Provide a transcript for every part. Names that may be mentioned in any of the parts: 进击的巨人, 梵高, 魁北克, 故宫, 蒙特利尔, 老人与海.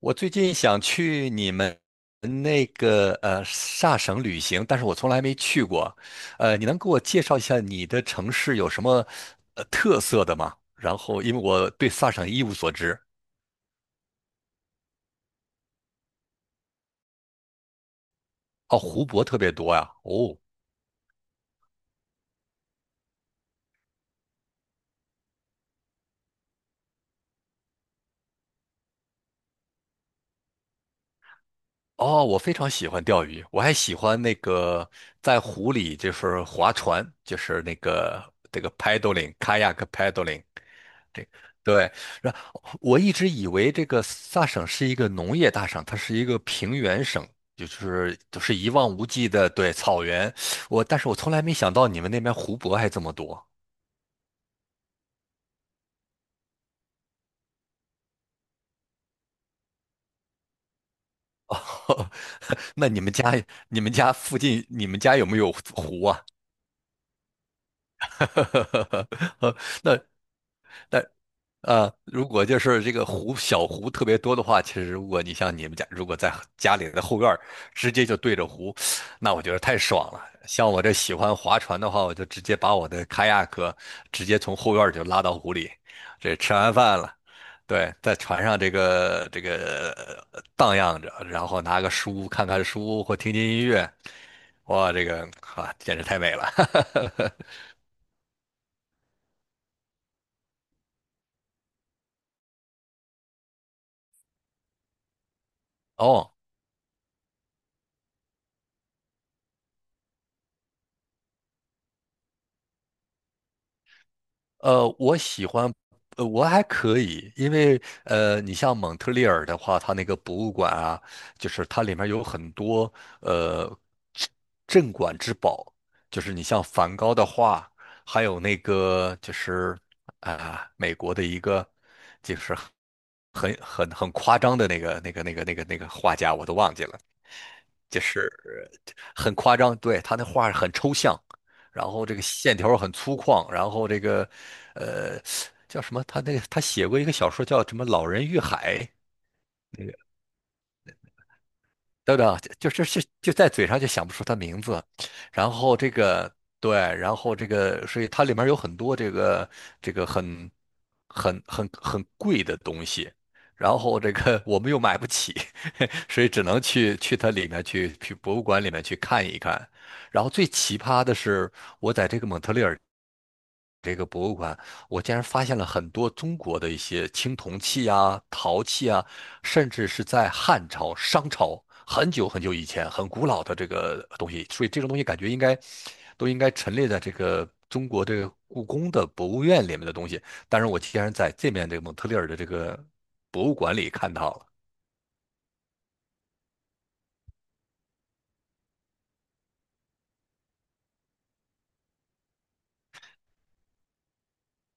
我最近想去你们萨省旅行，但是我从来没去过。你能给我介绍一下你的城市有什么特色的吗？然后，因为我对萨省一无所知。哦，湖泊特别多呀。哦，哦，我非常喜欢钓鱼，我还喜欢那个在湖里就是划船，就是那个这个 paddling kayak paddling。这对，然后我一直以为这个萨省是一个农业大省，它是一个平原省，就是一望无际的对草原。但是我从来没想到你们那边湖泊还这么多。哦，那你们家你们家附近你们家有没有湖啊？那那呃，如果就是这个湖小湖特别多的话，其实如果你像你们家，如果在家里的后院儿直接就对着湖，那我觉得太爽了。像我这喜欢划船的话，我就直接把我的开亚克直接从后院儿就拉到湖里，这吃完饭了，对，在船上荡漾着，然后拿个书看看书或听听音乐，哇，啊简直太美了。哦，我喜欢，我还可以，因为你像蒙特利尔的话，它那个博物馆啊，就是它里面有很多呃镇镇馆之宝，就是你像梵高的画，还有那个就是啊、美国的一个就是很夸张的那个画家，我都忘记了，就是很夸张，对，他那画很抽象，然后这个线条很粗犷，然后呃叫什么？他写过一个小说叫什么《老人与海》，等等啊，就在嘴上就想不出他名字，然后对，所以它里面有很多这个很贵的东西，然后我们又买不起，所以只能去它里面去博物馆里面去看一看。然后最奇葩的是，我在这个蒙特利尔这个博物馆，我竟然发现了很多中国的一些青铜器啊、陶器啊，甚至是在汉朝、商朝很久很久以前、很古老的这个东西，所以这种东西感觉应该都应该陈列在这个中国这个故宫的博物院里面的东西。但是我竟然在这边这个蒙特利尔的这个博物馆里看到了。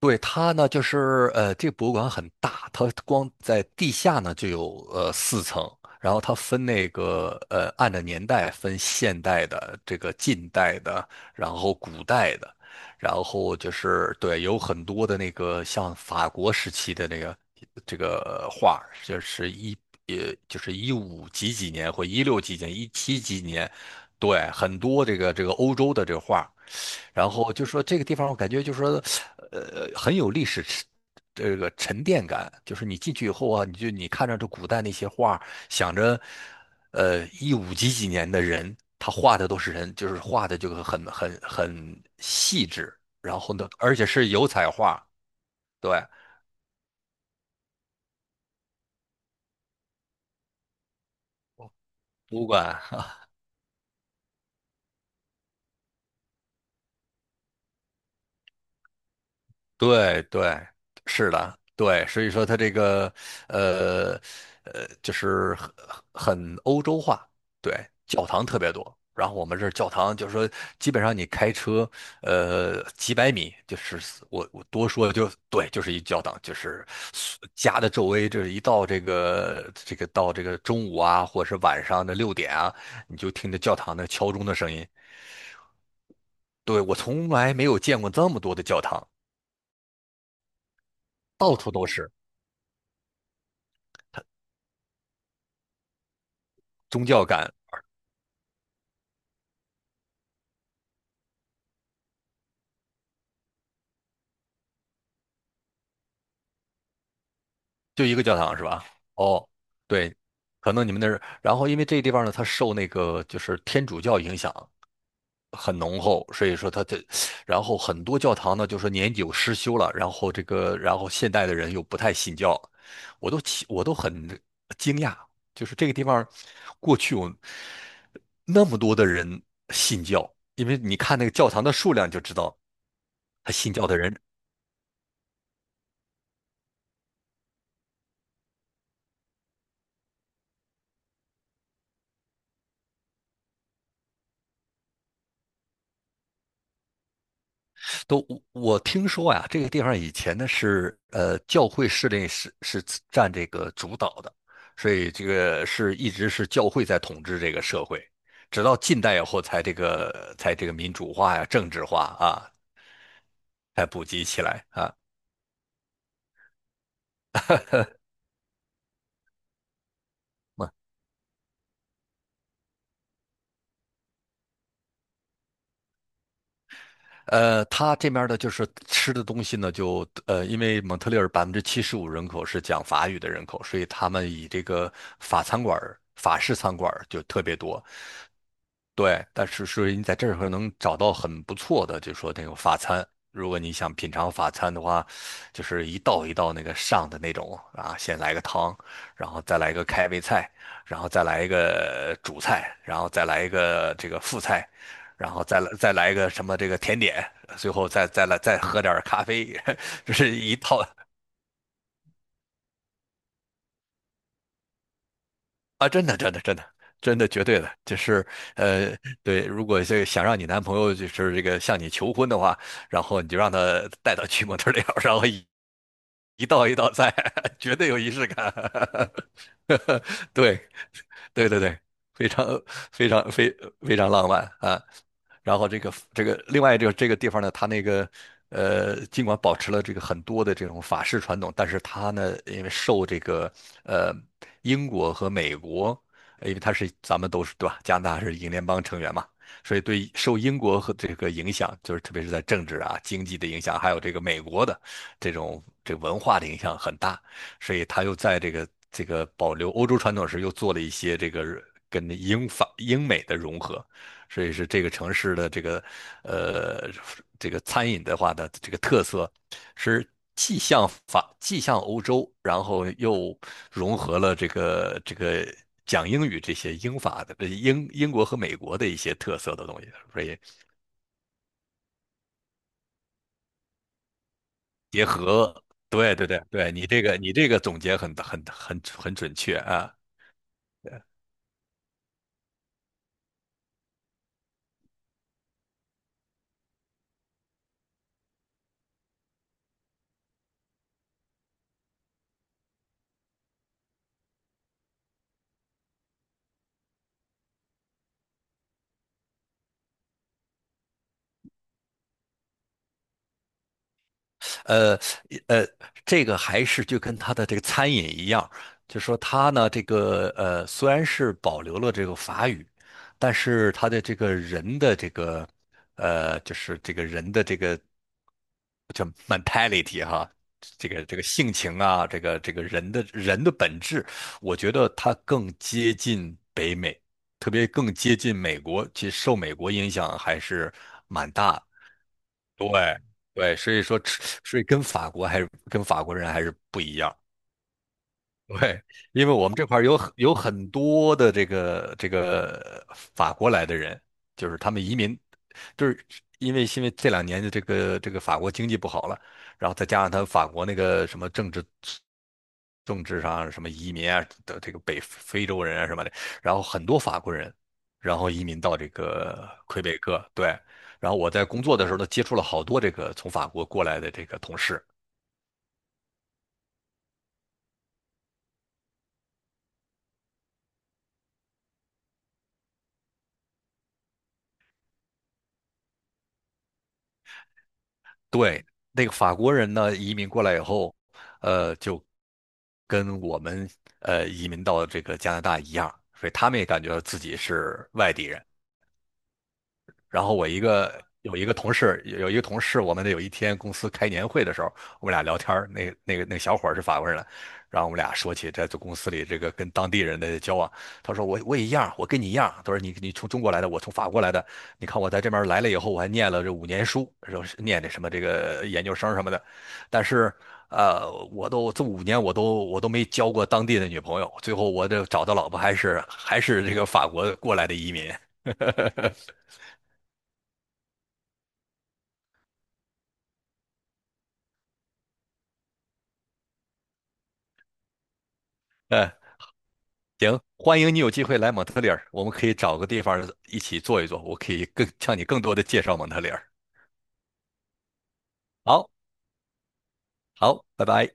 对，它呢，就是这个博物馆很大，它光在地下呢就有4层，然后它分按照年代分现代的、近代的，然后古代的，然后就是对，有很多的那个像法国时期的这个画儿就是一五几几年或一六几几年、一七几几年，对，很多这个欧洲的这个画儿，然后就说这个地方，我感觉就说，很有历史沉这个沉淀感。就是你进去以后啊，你看着这古代那些画，想着，一五几几年的人，他画的都是人，就是画的就个很细致。然后呢，而且是油彩画，对，博物馆。对对，是的，对，所以说它这个呃就是很欧洲化，对，教堂特别多。然后我们这儿教堂就是说，基本上你开车几百米，就是我多说就对，就是一教堂，就是家的周围，是一到这个中午啊，或者是晚上的6点啊，你就听着教堂的敲钟的声音。对，我从来没有见过这么多的教堂，到处都是宗教感。就一个教堂是吧？哦，对，可能你们那儿，然后因为这个地方呢，它受天主教影响很浓厚，所以说它这，然后很多教堂呢，就说年久失修了，然后现代的人又不太信教，我都很惊讶，就是这个地方过去有那么多的人信教，因为你看那个教堂的数量就知道，他信教的人都，我听说呀，这个地方以前呢是教会势力是占这个主导的，所以一直是教会在统治这个社会，直到近代以后才这个才这个民主化呀、政治化啊，才普及起来啊。他这边的就是吃的东西呢，就因为蒙特利尔75%人口是讲法语的人口，所以他们以这个法式餐馆儿就特别多。对，但是你在这儿能找到很不错的，就说那种法餐。如果你想品尝法餐的话，就是一道一道那个上的那种啊，先来个汤，然后再来一个开胃菜，然后再来一个主菜，然后再来一个这个副菜，然后再来一个什么这个甜点，最后再喝点儿咖啡，就是一套啊。真的，真的，真的，真的，绝对的，就是呃，对，如果想让你男朋友就是向你求婚的话，然后你就让他带到去模特儿店，然后一道一道菜，绝对有仪式感。对，对对对，非常非常非常浪漫啊。然后另外这个地方呢，它尽管保持了这个很多的这种法式传统，但是它呢，因为受这个呃英国和美国，因为它是咱们都是对吧？加拿大是英联邦成员嘛，所以对，受英国和这个影响，就是特别是在政治啊、经济的影响，还有这个美国的这文化的影响很大，所以他又在这个保留欧洲传统时，又做了一些跟英法英美的融合，所以是这个城市的呃这个餐饮的话的这个特色，是既像欧洲，然后又融合了这个讲英语这些英法的英国和美国的一些特色的东西。所以结合。对对对对，你这个总结很准确啊！对，呃呃，这个还是就跟他的这个餐饮一样，就说他呢，虽然是保留了这个法语，但是他的这个人的这个叫 mentality 哈，这个性情啊，这个人的本质，我觉得他更接近北美，特别更接近美国，其实受美国影响还是蛮大。对对，所以跟法国还是跟法国人还是不一样。对，因为我们这块儿有很多的这个法国来的人，就是他们移民，就是因为这2年的这个法国经济不好了，然后再加上他法国那个什么政治上什么移民啊的这个北非洲人啊什么的，然后很多法国人，然后移民到这个魁北克，对，然后我在工作的时候呢，接触了好多这个从法国过来的这个同事。对，那个法国人呢，移民过来以后，就跟我们移民到这个加拿大一样，所以他们也感觉到自己是外地人。然后我一个有一个同事，有有一个同事，我们有一天公司开年会的时候，我们俩聊天儿，那个小伙儿是法国人，然后我们俩说起在这公司里跟当地人的交往，他说我也一样，我跟你一样，他说你从中国来的，我从法国来的，你看我在这边来了以后，我还念了这五年书，然是念的什么这个研究生什么的，但是，这五年我都没交过当地的女朋友，最后我这找的老婆还是这个法国过来的移民。呃行，欢迎你有机会来蒙特利尔，我们可以找个地方一起坐一坐，我可以更向你更多的介绍蒙特利尔。好，好，拜拜。